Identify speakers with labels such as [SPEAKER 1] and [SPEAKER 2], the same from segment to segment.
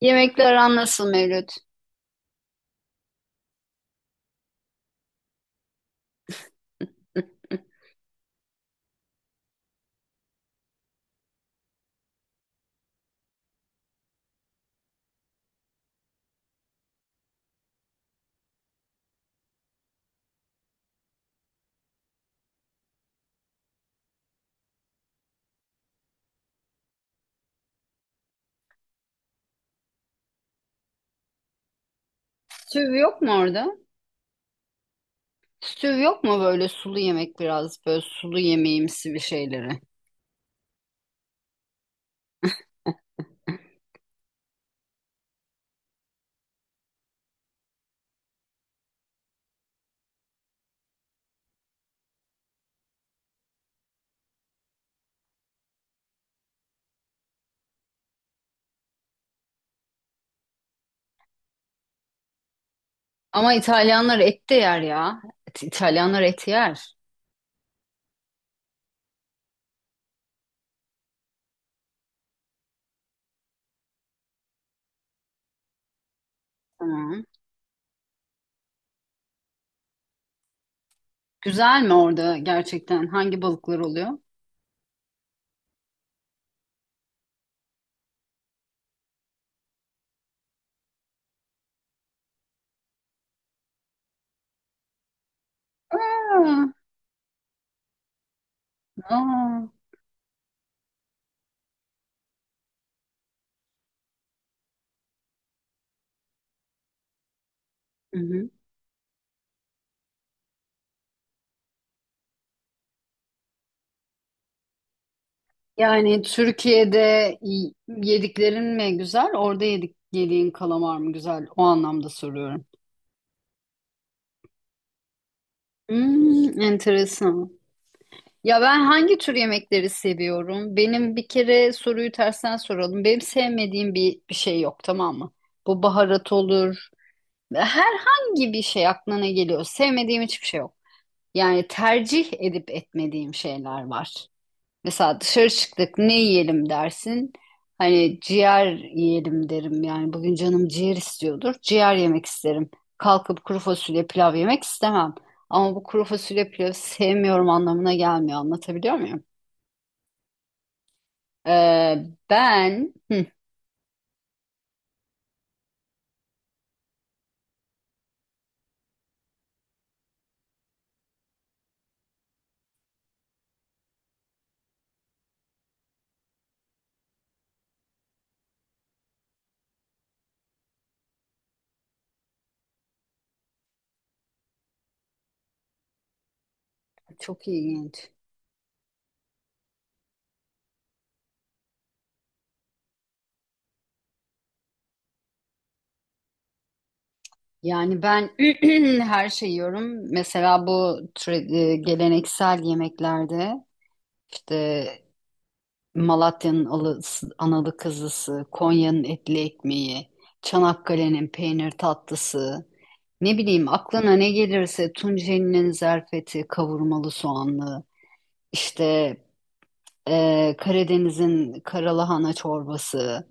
[SPEAKER 1] Yemekler aran nasıl Mevlüt? Stüv yok mu orada? Stüv yok mu böyle sulu yemek biraz böyle sulu yemeğimsi bir şeyleri? Ama İtalyanlar et de yer ya. İtalyanlar et yer. Tamam. Güzel mi orada gerçekten? Hangi balıklar oluyor? Aa, aa. Hı hı. Yani Türkiye'de yediklerin mi güzel? Orada yediğin kalamar mı güzel? O anlamda soruyorum. Hmm, enteresan. Ya ben hangi tür yemekleri seviyorum? Benim bir kere soruyu tersten soralım. Benim sevmediğim bir şey yok, tamam mı? Bu baharat olur. Herhangi bir şey aklına ne geliyor. Sevmediğim hiçbir şey yok. Yani tercih edip etmediğim şeyler var. Mesela dışarı çıktık ne yiyelim dersin. Hani ciğer yiyelim derim. Yani bugün canım ciğer istiyordur. Ciğer yemek isterim. Kalkıp kuru fasulye pilav yemek istemem. Ama bu kuru fasulye pilavı sevmiyorum anlamına gelmiyor. Anlatabiliyor muyum? Ee, ben Hı, çok ilginç. Yani ben her şeyi yiyorum. Mesela bu geleneksel yemeklerde işte Malatya'nın alısı, analı kızısı, Konya'nın etli ekmeği, Çanakkale'nin peynir tatlısı, ne bileyim aklına ne gelirse Tunceli'nin zerfeti, kavurmalı soğanlı, işte Karadeniz'in karalahana çorbası.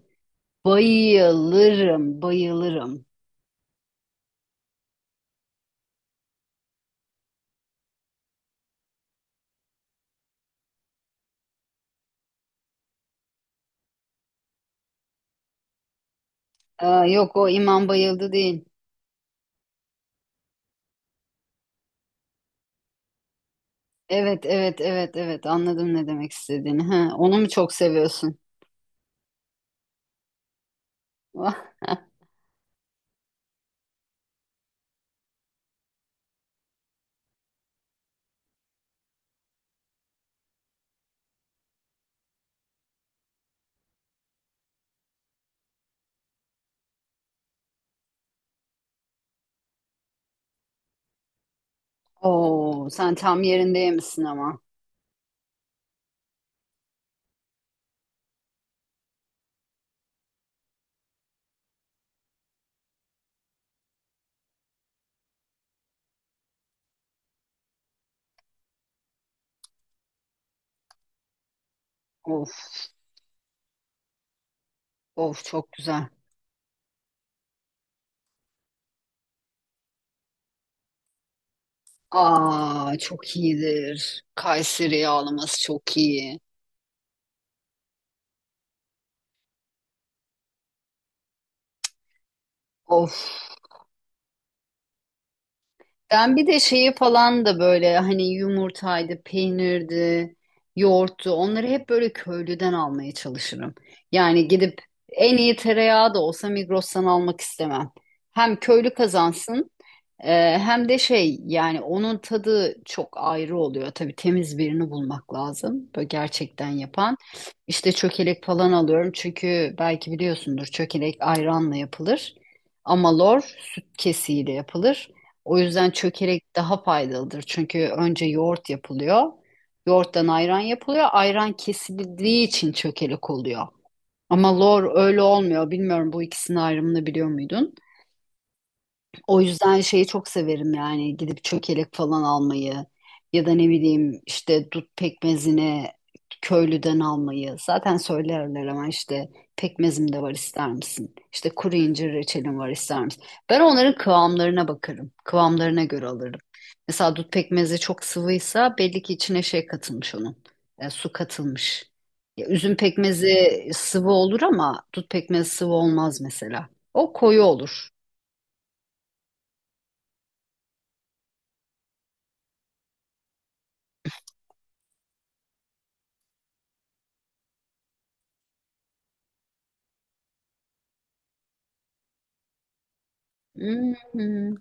[SPEAKER 1] Bayılırım, bayılırım. Aa, yok o İmam Bayıldı değil. Evet, evet, evet, evet, anladım ne demek istediğini. Ha, onu mu çok seviyorsun? Oo, sen tam yerinde yemişsin ama. Of, of çok güzel. Aa, çok iyidir. Kayseri yağlaması çok iyi. Of. Ben bir de şeyi falan da böyle hani yumurtaydı, peynirdi, yoğurttu. Onları hep böyle köylüden almaya çalışırım. Yani gidip en iyi tereyağı da olsa Migros'tan almak istemem. Hem köylü kazansın hem de şey yani onun tadı çok ayrı oluyor. Tabii temiz birini bulmak lazım. Böyle gerçekten yapan. İşte çökelek falan alıyorum. Çünkü belki biliyorsundur çökelek ayranla yapılır. Ama lor süt kesiğiyle yapılır. O yüzden çökelek daha faydalıdır. Çünkü önce yoğurt yapılıyor. Yoğurttan ayran yapılıyor. Ayran kesildiği için çökelek oluyor. Ama lor öyle olmuyor. Bilmiyorum, bu ikisinin ayrımını biliyor muydun? O yüzden şeyi çok severim yani gidip çökelek falan almayı ya da ne bileyim işte dut pekmezine köylüden almayı. Zaten söylerler ama işte pekmezim de var, ister misin? İşte kuru incir reçelim var, ister misin? Ben onların kıvamlarına bakarım. Kıvamlarına göre alırım. Mesela dut pekmezi çok sıvıysa belli ki içine şey katılmış onun. Su katılmış. Ya, üzüm pekmezi sıvı olur ama dut pekmezi sıvı olmaz mesela. O koyu olur. Hmm.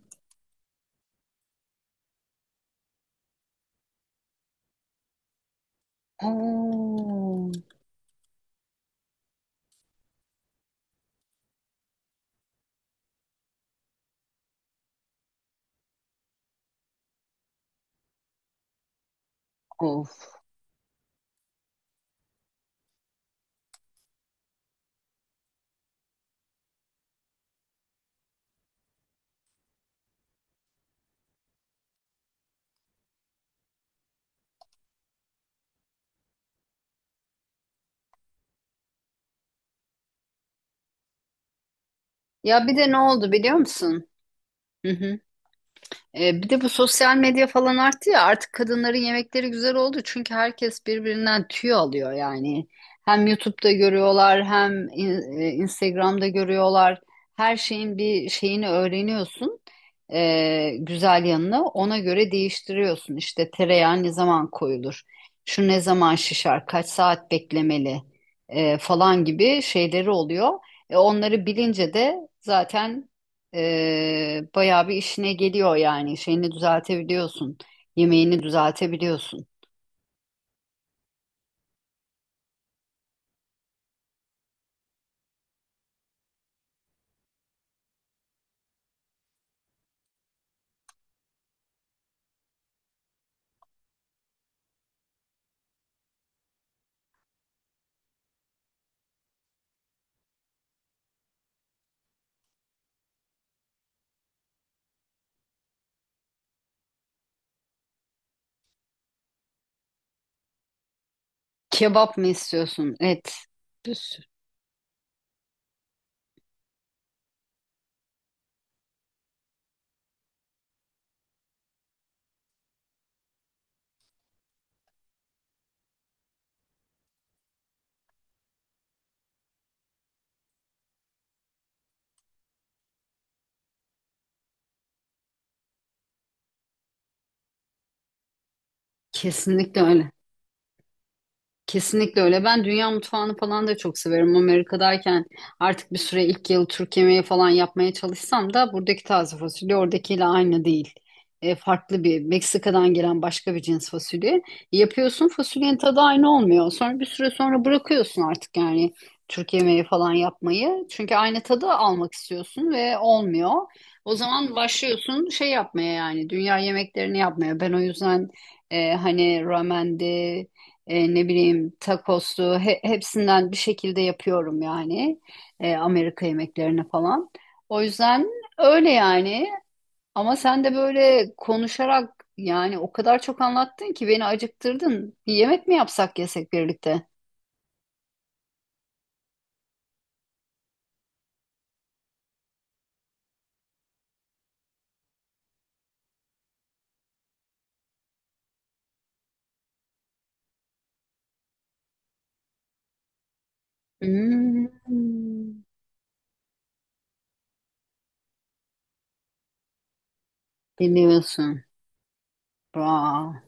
[SPEAKER 1] Oo, of. Ya bir de ne oldu biliyor musun? Hı hı. Bir de bu sosyal medya falan arttı ya, artık kadınların yemekleri güzel oldu çünkü herkes birbirinden tüy alıyor yani. Hem YouTube'da görüyorlar hem Instagram'da görüyorlar. Her şeyin bir şeyini öğreniyorsun. Güzel yanını ona göre değiştiriyorsun. İşte tereyağı ne zaman koyulur? Şu ne zaman şişer? Kaç saat beklemeli? Falan gibi şeyleri oluyor. Onları bilince de zaten bayağı bir işine geliyor yani. Şeyini düzeltebiliyorsun. Yemeğini düzeltebiliyorsun. Kebap mı istiyorsun? Et. Bir sürü. Kesinlikle öyle. Kesinlikle öyle. Ben dünya mutfağını falan da çok severim. Amerika'dayken artık bir süre, ilk yıl Türk yemeği falan yapmaya çalışsam da buradaki taze fasulye oradakiyle aynı değil. Farklı bir, Meksika'dan gelen başka bir cins fasulye. Yapıyorsun, fasulyenin tadı aynı olmuyor. Sonra bir süre sonra bırakıyorsun artık yani Türk yemeği falan yapmayı. Çünkü aynı tadı almak istiyorsun ve olmuyor. O zaman başlıyorsun şey yapmaya yani dünya yemeklerini yapmaya. Ben o yüzden hani ramendi, ne bileyim takoslu, hepsinden bir şekilde yapıyorum yani Amerika yemeklerini falan. O yüzden öyle yani, ama sen de böyle konuşarak yani o kadar çok anlattın ki beni acıktırdın. Bir yemek mi yapsak, yesek birlikte? Hmm, dinliyorsun. Wow.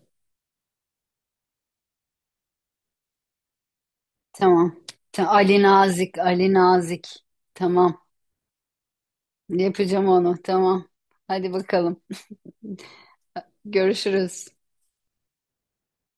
[SPEAKER 1] Tamam. Ali Nazik, Ali Nazik. Tamam. Yapacağım onu. Tamam. Hadi bakalım. Görüşürüz.